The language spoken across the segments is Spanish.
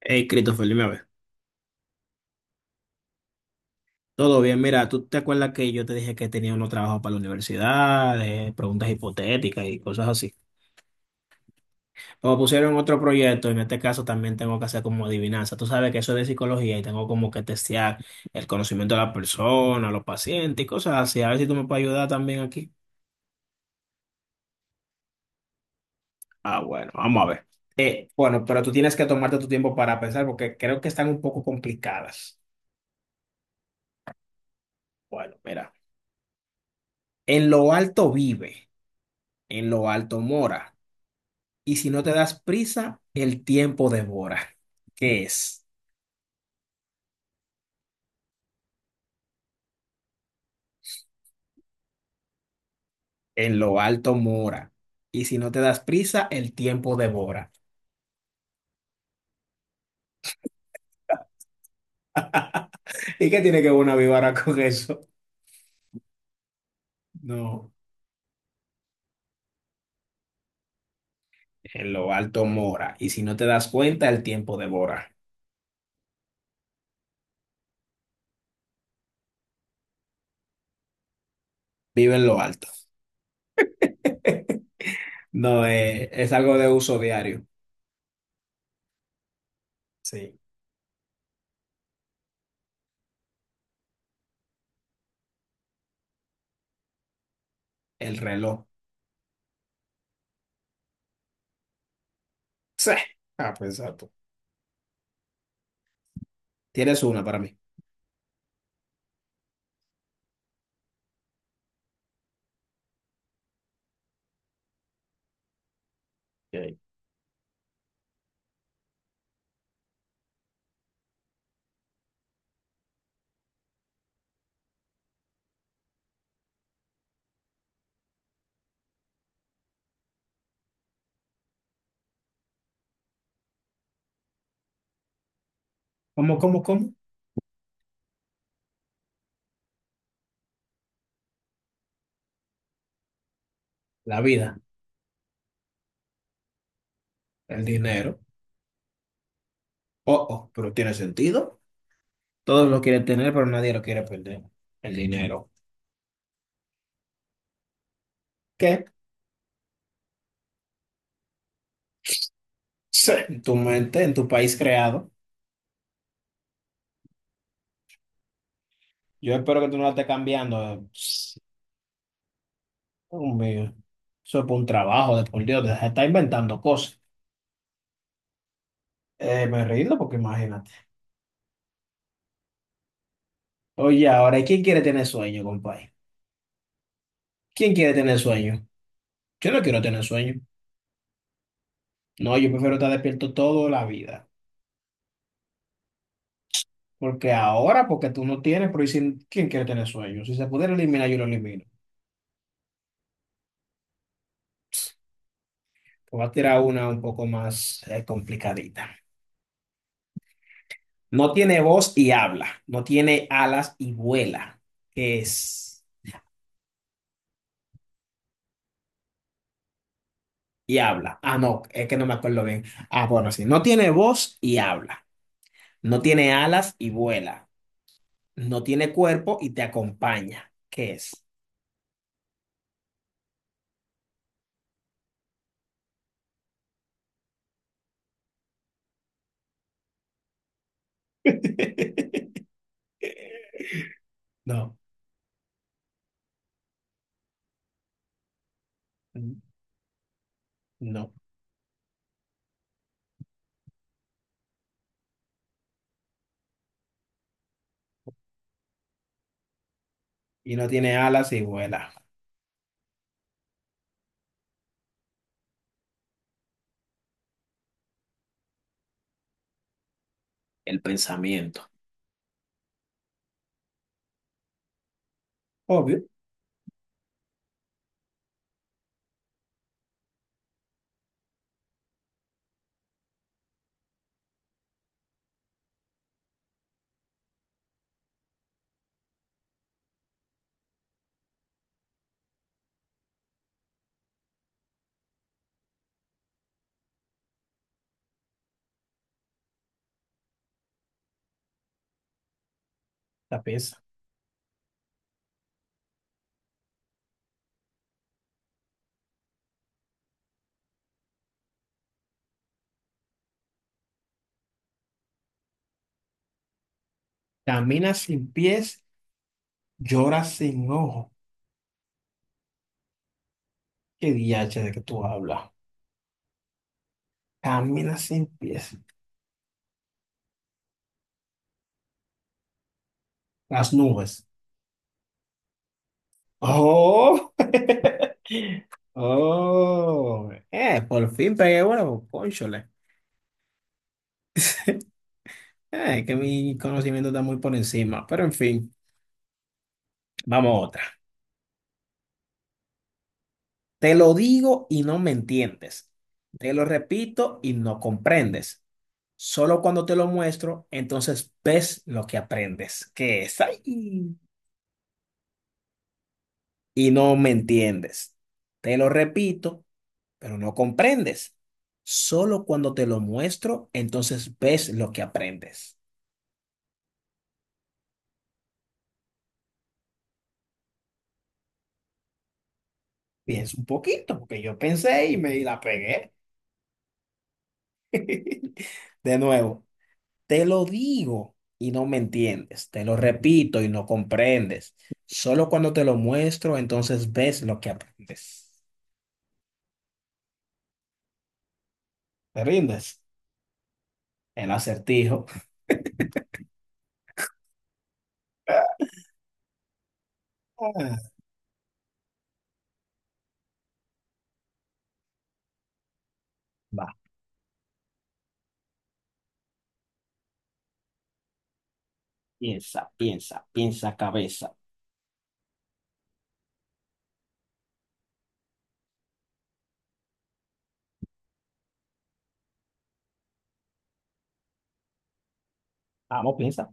Hey, Christopher, dime a ver. Todo bien, mira, ¿tú te acuerdas que yo te dije que tenía unos trabajos para la universidad, preguntas hipotéticas y cosas así? Me pusieron otro proyecto, en este caso también tengo que hacer como adivinanza. Tú sabes que eso es de psicología y tengo como que testear el conocimiento de la persona, los pacientes y cosas así. A ver si tú me puedes ayudar también aquí. Ah, bueno, vamos a ver. Bueno, pero tú tienes que tomarte tu tiempo para pensar porque creo que están un poco complicadas. Bueno, mira, en lo alto vive, en lo alto mora. Y si no te das prisa, el tiempo devora, que es en lo alto mora. Y si no te das prisa, el tiempo devora. ¿Y qué tiene que ver una víbora con eso? No, en lo alto mora. Y si no te das cuenta, el tiempo devora. Vive en lo alto. No, es algo de uso diario. Sí, el reloj. Sí. Ah, pues exacto. Tienes una para mí. Ok. ¿Cómo, cómo, cómo? La vida, el dinero. Oh, oh, pero tiene sentido. Todos lo quieren tener, pero nadie lo quiere perder. El dinero. ¿Qué? Sí, en tu mente, en tu país creado. Yo espero que tú no lo estés cambiando. Dios mío. Eso es por un trabajo, de por Dios. Se está inventando cosas. Me río porque imagínate. Oye, ahora, ¿quién quiere tener sueño, compadre? ¿Quién quiere tener sueño? Yo no quiero tener sueño. No, yo prefiero estar despierto toda la vida. Porque ahora, porque tú no tienes, pero ¿quién quiere tener sueño? Si se pudiera eliminar, yo lo elimino. Voy a tirar una un poco más complicadita. No tiene voz y habla. No tiene alas y vuela. ¿Qué es? Y habla. Ah, no, es que no me acuerdo bien. Ah, bueno, sí. No tiene voz y habla. No tiene alas y vuela. No tiene cuerpo y te acompaña. ¿Qué es? No, no. Y no tiene alas y vuela. El pensamiento. Obvio, la pieza. Camina sin pies, llora sin ojo. ¿Qué diache de que tú hablas? Camina sin pies. Las nubes. Oh, oh, por fin pegué bueno, cónchole. Es que mi conocimiento está muy por encima, pero en fin, vamos a otra. Te lo digo y no me entiendes. Te lo repito y no comprendes. Solo cuando te lo muestro, entonces ves lo que aprendes, que es ahí y no me entiendes. Te lo repito pero no comprendes. Solo cuando te lo muestro, entonces ves lo que aprendes. Piensa un poquito, porque yo pensé y me la pegué. De nuevo, te lo digo y no me entiendes. Te lo repito y no comprendes. Solo cuando te lo muestro, entonces ves lo que aprendes. ¿Te rindes? El acertijo. Ah, va, piensa, piensa, piensa cabeza. Vamos, piensa.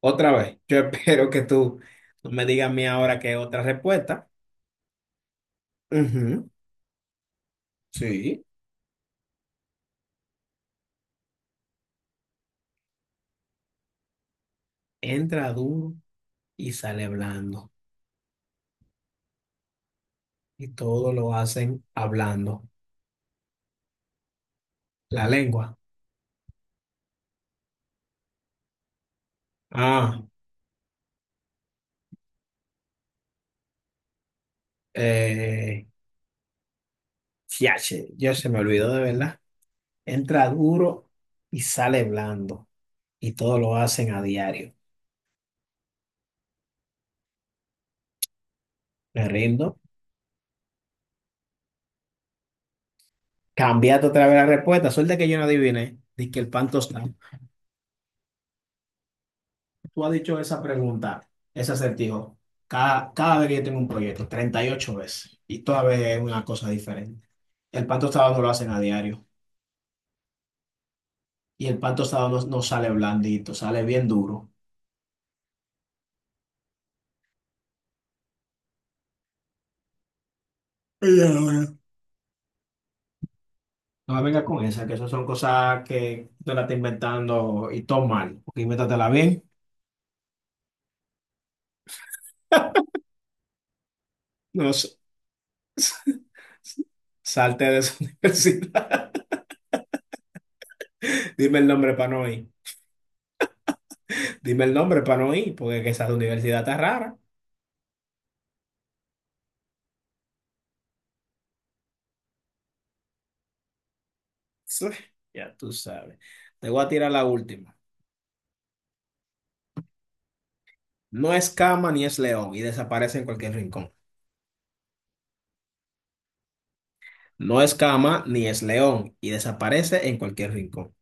Otra vez, yo espero que tú no me digas a mí ahora que otra respuesta. Ujú. Sí. Entra duro y sale blando. Y todo lo hacen hablando. La lengua. Ah, eh, fiache, yo se me olvidó de verdad. Entra duro y sale blando. Y todo lo hacen a diario. Me rindo. Cambiate otra vez la respuesta. Suerte que yo no adiviné. Dice que el pan tostado. Tú has dicho esa pregunta, ese acertijo, cada vez que yo tengo un proyecto, 38 veces, y toda vez es una cosa diferente. El pan tostado no lo hacen a diario, y el pan tostado no, no sale blandito, sale bien duro. Y ahora, no me venga con esa, que esas son cosas que tú te la estás inventando y todo mal, porque invéntatela bien. No sé. Salte de esa universidad. Dime el nombre para no ir. Dime el nombre para no ir, porque que esa universidad está rara. Sí, ya tú sabes. Te voy a tirar la última. No es cama ni es león y desaparece en cualquier rincón. No es cama ni es león y desaparece en cualquier rincón.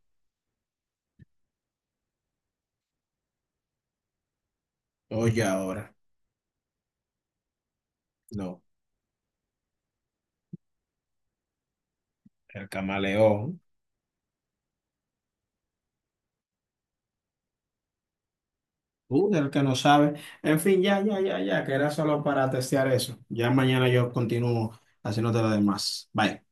Oye, ahora. No, el camaleón. El que no sabe. En fin, ya, ya, ya, ya, que era solo para testear eso. Ya mañana yo continúo haciéndote lo demás. Bye.